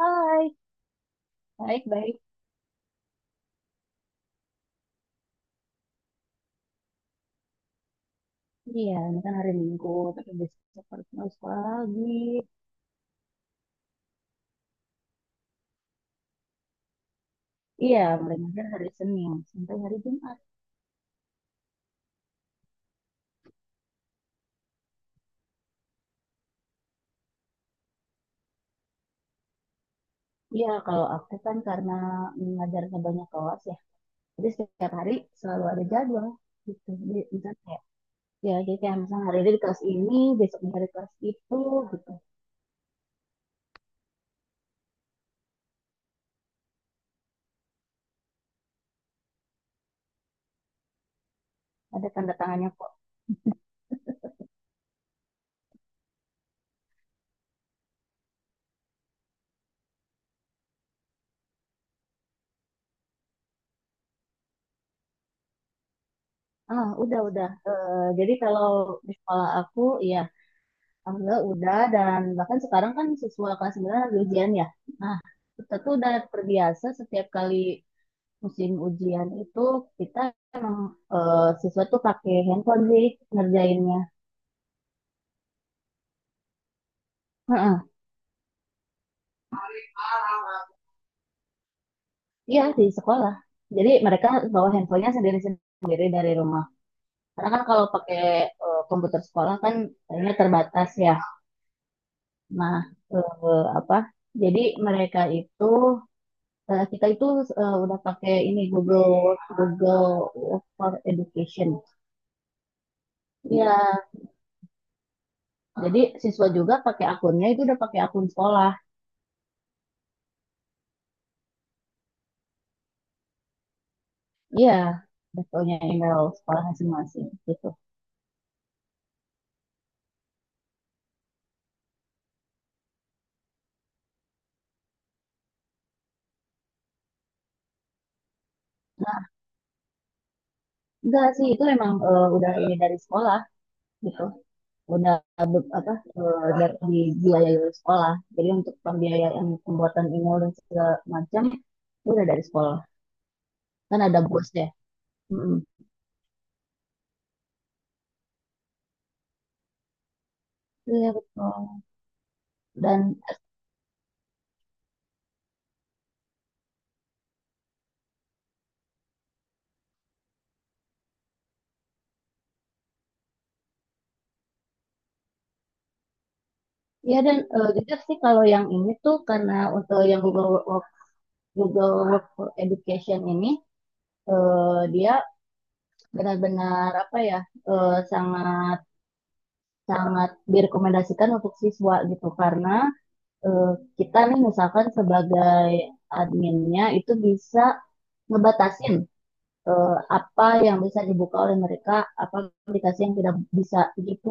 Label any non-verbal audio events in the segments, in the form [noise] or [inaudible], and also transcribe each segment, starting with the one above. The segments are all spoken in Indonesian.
Hai, baik-baik. Iya, ini kan hari Minggu, tapi besok harus mulai sekolah lagi. Iya, mulai ngajar hari Senin sampai hari Jumat. Iya, kalau aku kan karena ngajarnya banyak kelas ya, jadi setiap hari selalu ada jadwal gitu. Jadi misalnya kayak, ya jadi kayak misalnya hari ini di kelas ini, besok dari kelas itu gitu. Ada tanda tangannya kok. Ah, udah, udah. Jadi kalau di sekolah aku, ya Alhamdulillah udah dan bahkan sekarang kan siswa kelas 9 lagi ujian ya. Nah, kita tuh udah terbiasa setiap kali musim ujian itu kita emang siswa tuh pakai handphone sih ngerjainnya. Heeh. Iya di sekolah. Jadi mereka bawa handphonenya sendiri-sendiri dari rumah. Karena kan kalau pakai komputer sekolah kan kayaknya terbatas ya. Nah, eh, apa? Jadi mereka itu kita itu udah pakai ini Google Google for Education. Iya, jadi siswa juga pakai akunnya itu udah pakai akun sekolah. Iya, udah punya email sekolah masing-masing gitu. Enggak sih, itu emang udah ini dari sekolah gitu. Udah apa dari dibiayai oleh sekolah. Jadi untuk pembiayaan pembuatan email dan segala macam itu udah dari sekolah. Kan ada bos ya. Mm-mm. Iya betul. Dan ya dan jujur sih kalau yang ini tuh karena untuk yang Google Work, Google Work for Education ini eh, dia benar-benar apa ya sangat sangat direkomendasikan untuk siswa gitu karena eh, kita nih misalkan sebagai adminnya itu bisa ngebatasin eh, apa yang bisa dibuka oleh mereka, apa aplikasi yang tidak bisa gitu.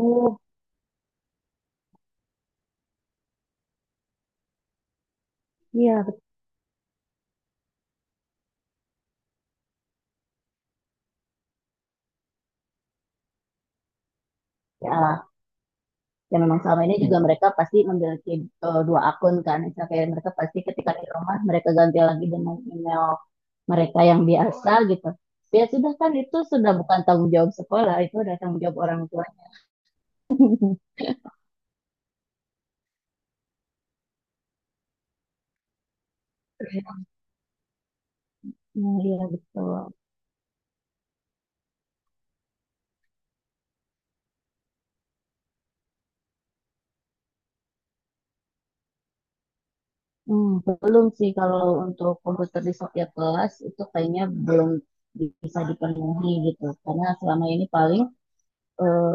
Iya, betul. Ya, ya memang selama ini juga mereka pasti memiliki dua akun kan misalnya kayak mereka pasti ketika di rumah mereka ganti lagi dengan email mereka yang biasa gitu, ya sudah, kan itu sudah bukan tanggung jawab sekolah, itu udah tanggung jawab orang tua. [laughs] Hmm, iya betul. Hmm, belum sih kalau untuk komputer di setiap kelas itu kayaknya belum bisa dipenuhi gitu, karena selama ini paling eh,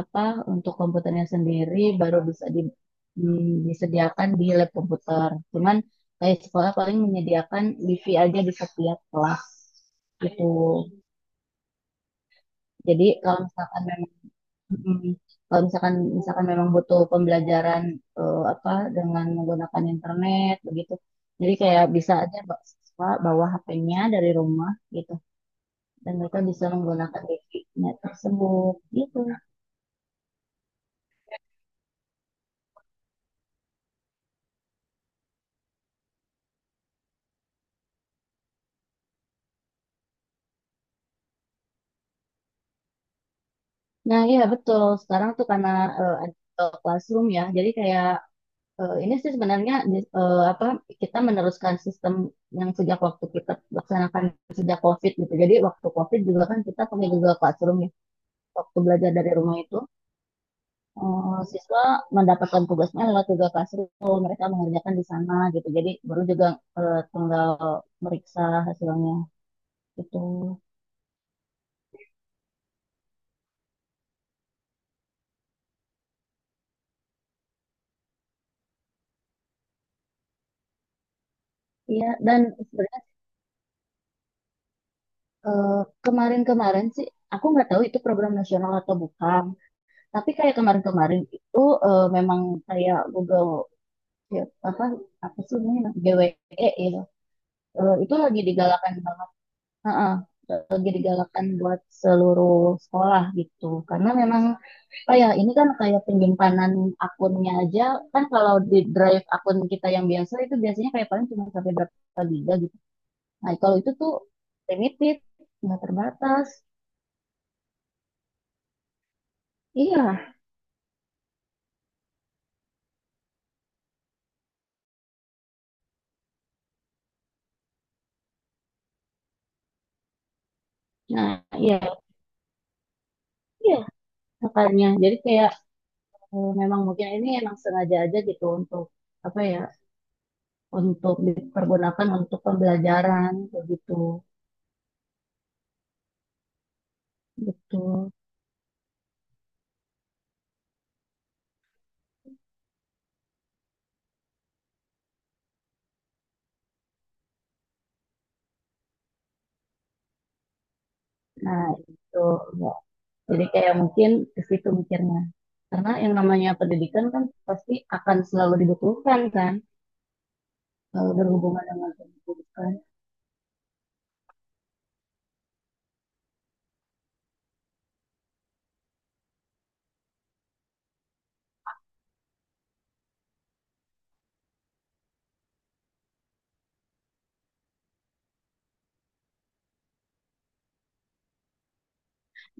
apa untuk komputernya sendiri baru bisa disediakan di lab komputer. Cuman kayak sekolah paling menyediakan wifi aja di setiap kelas gitu. Jadi kalau misalkan memang mm, kalau misalkan misalkan memang butuh pembelajaran apa dengan menggunakan internet begitu. Jadi kayak bisa aja siswa bawa HP-nya dari rumah gitu dan mereka bisa menggunakan wifi-nya tersebut gitu. Nah, iya betul. Sekarang tuh karena ada Google Classroom ya, jadi kayak ini sih sebenarnya apa kita meneruskan sistem yang sejak waktu kita laksanakan sejak COVID gitu. Jadi waktu COVID juga kan kita pakai Google Classroom ya. Waktu belajar dari rumah itu siswa mendapatkan tugasnya lewat Google Classroom, mereka mengerjakan di sana gitu. Jadi baru juga tinggal meriksa hasilnya gitu. Iya, dan Eh, kemarin-kemarin sih, aku nggak tahu itu program nasional atau bukan. Tapi kayak kemarin-kemarin itu memang kayak Google ya, apa apa sih namanya GWE ya. Itu lagi digalakan banget. Heeh, lagi digalakan buat seluruh sekolah gitu. Karena memang apa ya, ini kan kayak penyimpanan akunnya aja, kan kalau di drive akun kita yang biasa itu biasanya kayak paling cuma sampai berapa giga gitu. Nah kalau itu tuh limited, nggak terbatas. Iya, nah, iya, iya, makanya. Jadi kayak memang mungkin ini emang sengaja aja gitu untuk apa ya, untuk dipergunakan untuk pembelajaran begitu, betul. Nah, itu ya. Jadi kayak mungkin ke situ mikirnya. Karena yang namanya pendidikan kan pasti akan selalu dibutuhkan kan, kalau berhubungan dengan pendidikan.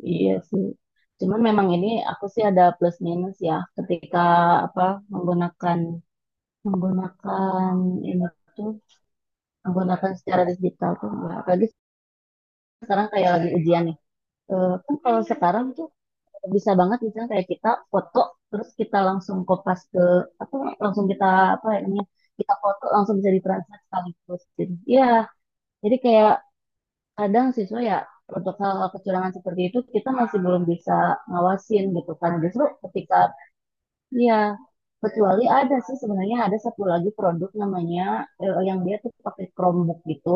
Iya sih. Cuman memang ini aku sih ada plus minus ya ketika apa menggunakan menggunakan ini tuh menggunakan secara digital tuh enggak. Apalagi sekarang kayak lagi ujian nih. Kan kalau sekarang tuh bisa banget misalnya kayak kita foto terus kita langsung kopas ke apa, langsung kita apa ya namanya, kita foto langsung bisa ditranslate sekaligus gitu. Iya, jadi kayak kadang siswa ya, untuk hal kecurangan seperti itu kita masih belum bisa ngawasin gitu kan, justru ketika ya, kecuali ada sih sebenarnya, ada satu lagi produk namanya yang dia tuh pakai Chromebook gitu.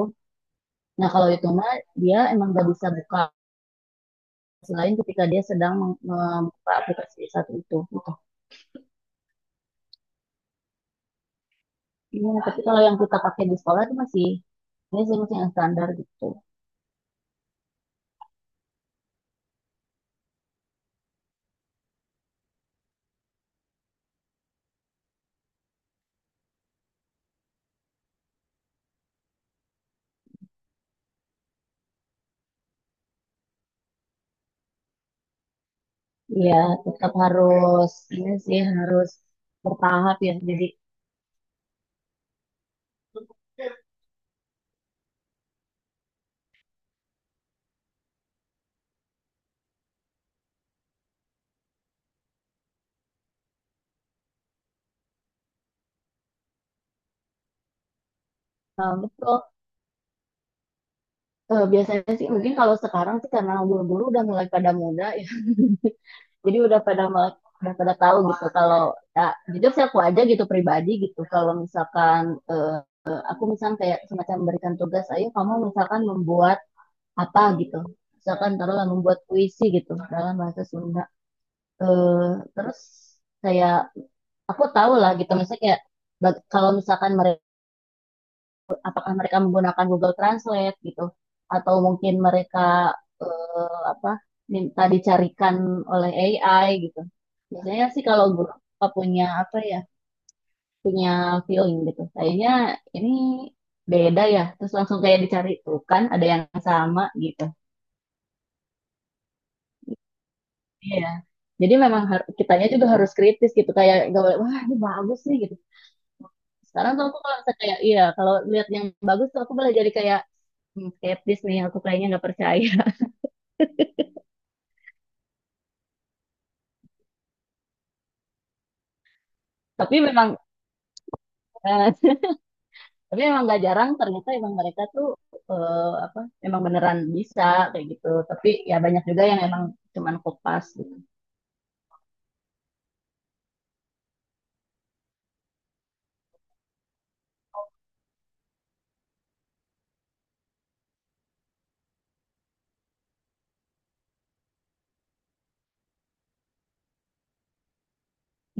Nah, kalau itu mah dia emang gak bisa buka selain ketika dia sedang membuka aplikasi satu itu gitu. Iya, tapi kalau yang kita pakai di sekolah itu masih ini sih, masih yang standar gitu. Iya, tetap harus ini sih, harus bertahap ya. Jadi betul. Biasanya sih mungkin kalau sekarang sih karena guru-guru udah mulai pada muda ya. [laughs] Jadi udah pada udah pada tahu gitu kalau ya jujur sih aku aja gitu pribadi gitu kalau misalkan eh, aku misalkan kayak semacam memberikan tugas ayo kamu misalkan membuat apa gitu, misalkan taruhlah membuat puisi gitu dalam bahasa Sunda. Terus saya aku tahu lah gitu misalnya kayak, kalau misalkan mereka, apakah mereka menggunakan Google Translate gitu, atau mungkin mereka apa minta dicarikan oleh AI gitu. Biasanya sih kalau guru punya apa ya, punya feeling gitu. Kayaknya ini beda ya. Terus langsung kayak dicari tuh kan ada yang sama gitu. Iya. Jadi memang kitanya juga harus kritis gitu, kayak gak boleh wah ini bagus nih gitu. Sekarang tuh aku kalau misalnya kayak iya, kalau lihat yang bagus tuh aku boleh jadi kayak, "Hmm, skeptis nih, aku kayaknya nggak percaya." [laughs] Tapi memang eh, [laughs] tapi memang gak jarang ternyata emang mereka tuh apa emang beneran bisa kayak gitu. Tapi ya banyak juga yang emang cuman kopas gitu.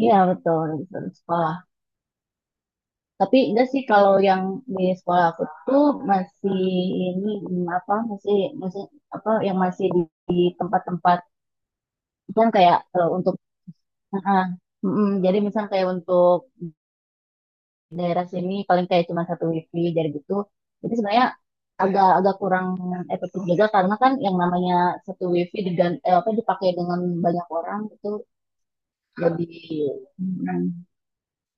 Iya betul, betul. Sekolah. Tapi enggak sih kalau yang di sekolah aku tuh masih ini apa, masih masih apa yang masih di tempat-tempat, kan kayak untuk ah, jadi misal kayak untuk daerah sini paling kayak cuma satu wifi jadi gitu. Jadi sebenarnya agak agak kurang efektif juga, karena kan yang namanya satu wifi apa dipakai dengan banyak orang itu lebih mm,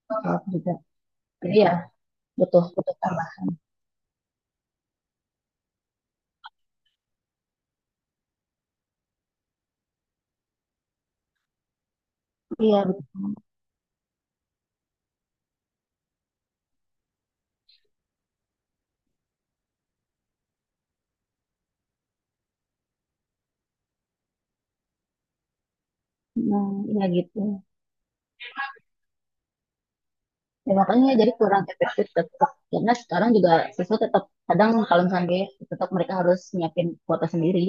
salah juga. Jadi ya butuh butuh tambah. Iya, betul. Nah, iya gitu. Ya, makanya jadi kurang efektif tetap. Karena sekarang juga siswa tetap kadang kalau misalnya gaya, tetap mereka harus nyiapin kuota sendiri.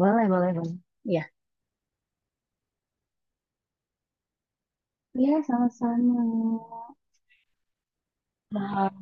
Boleh, boleh, boleh. Iya. Iya, sama-sama. Wah,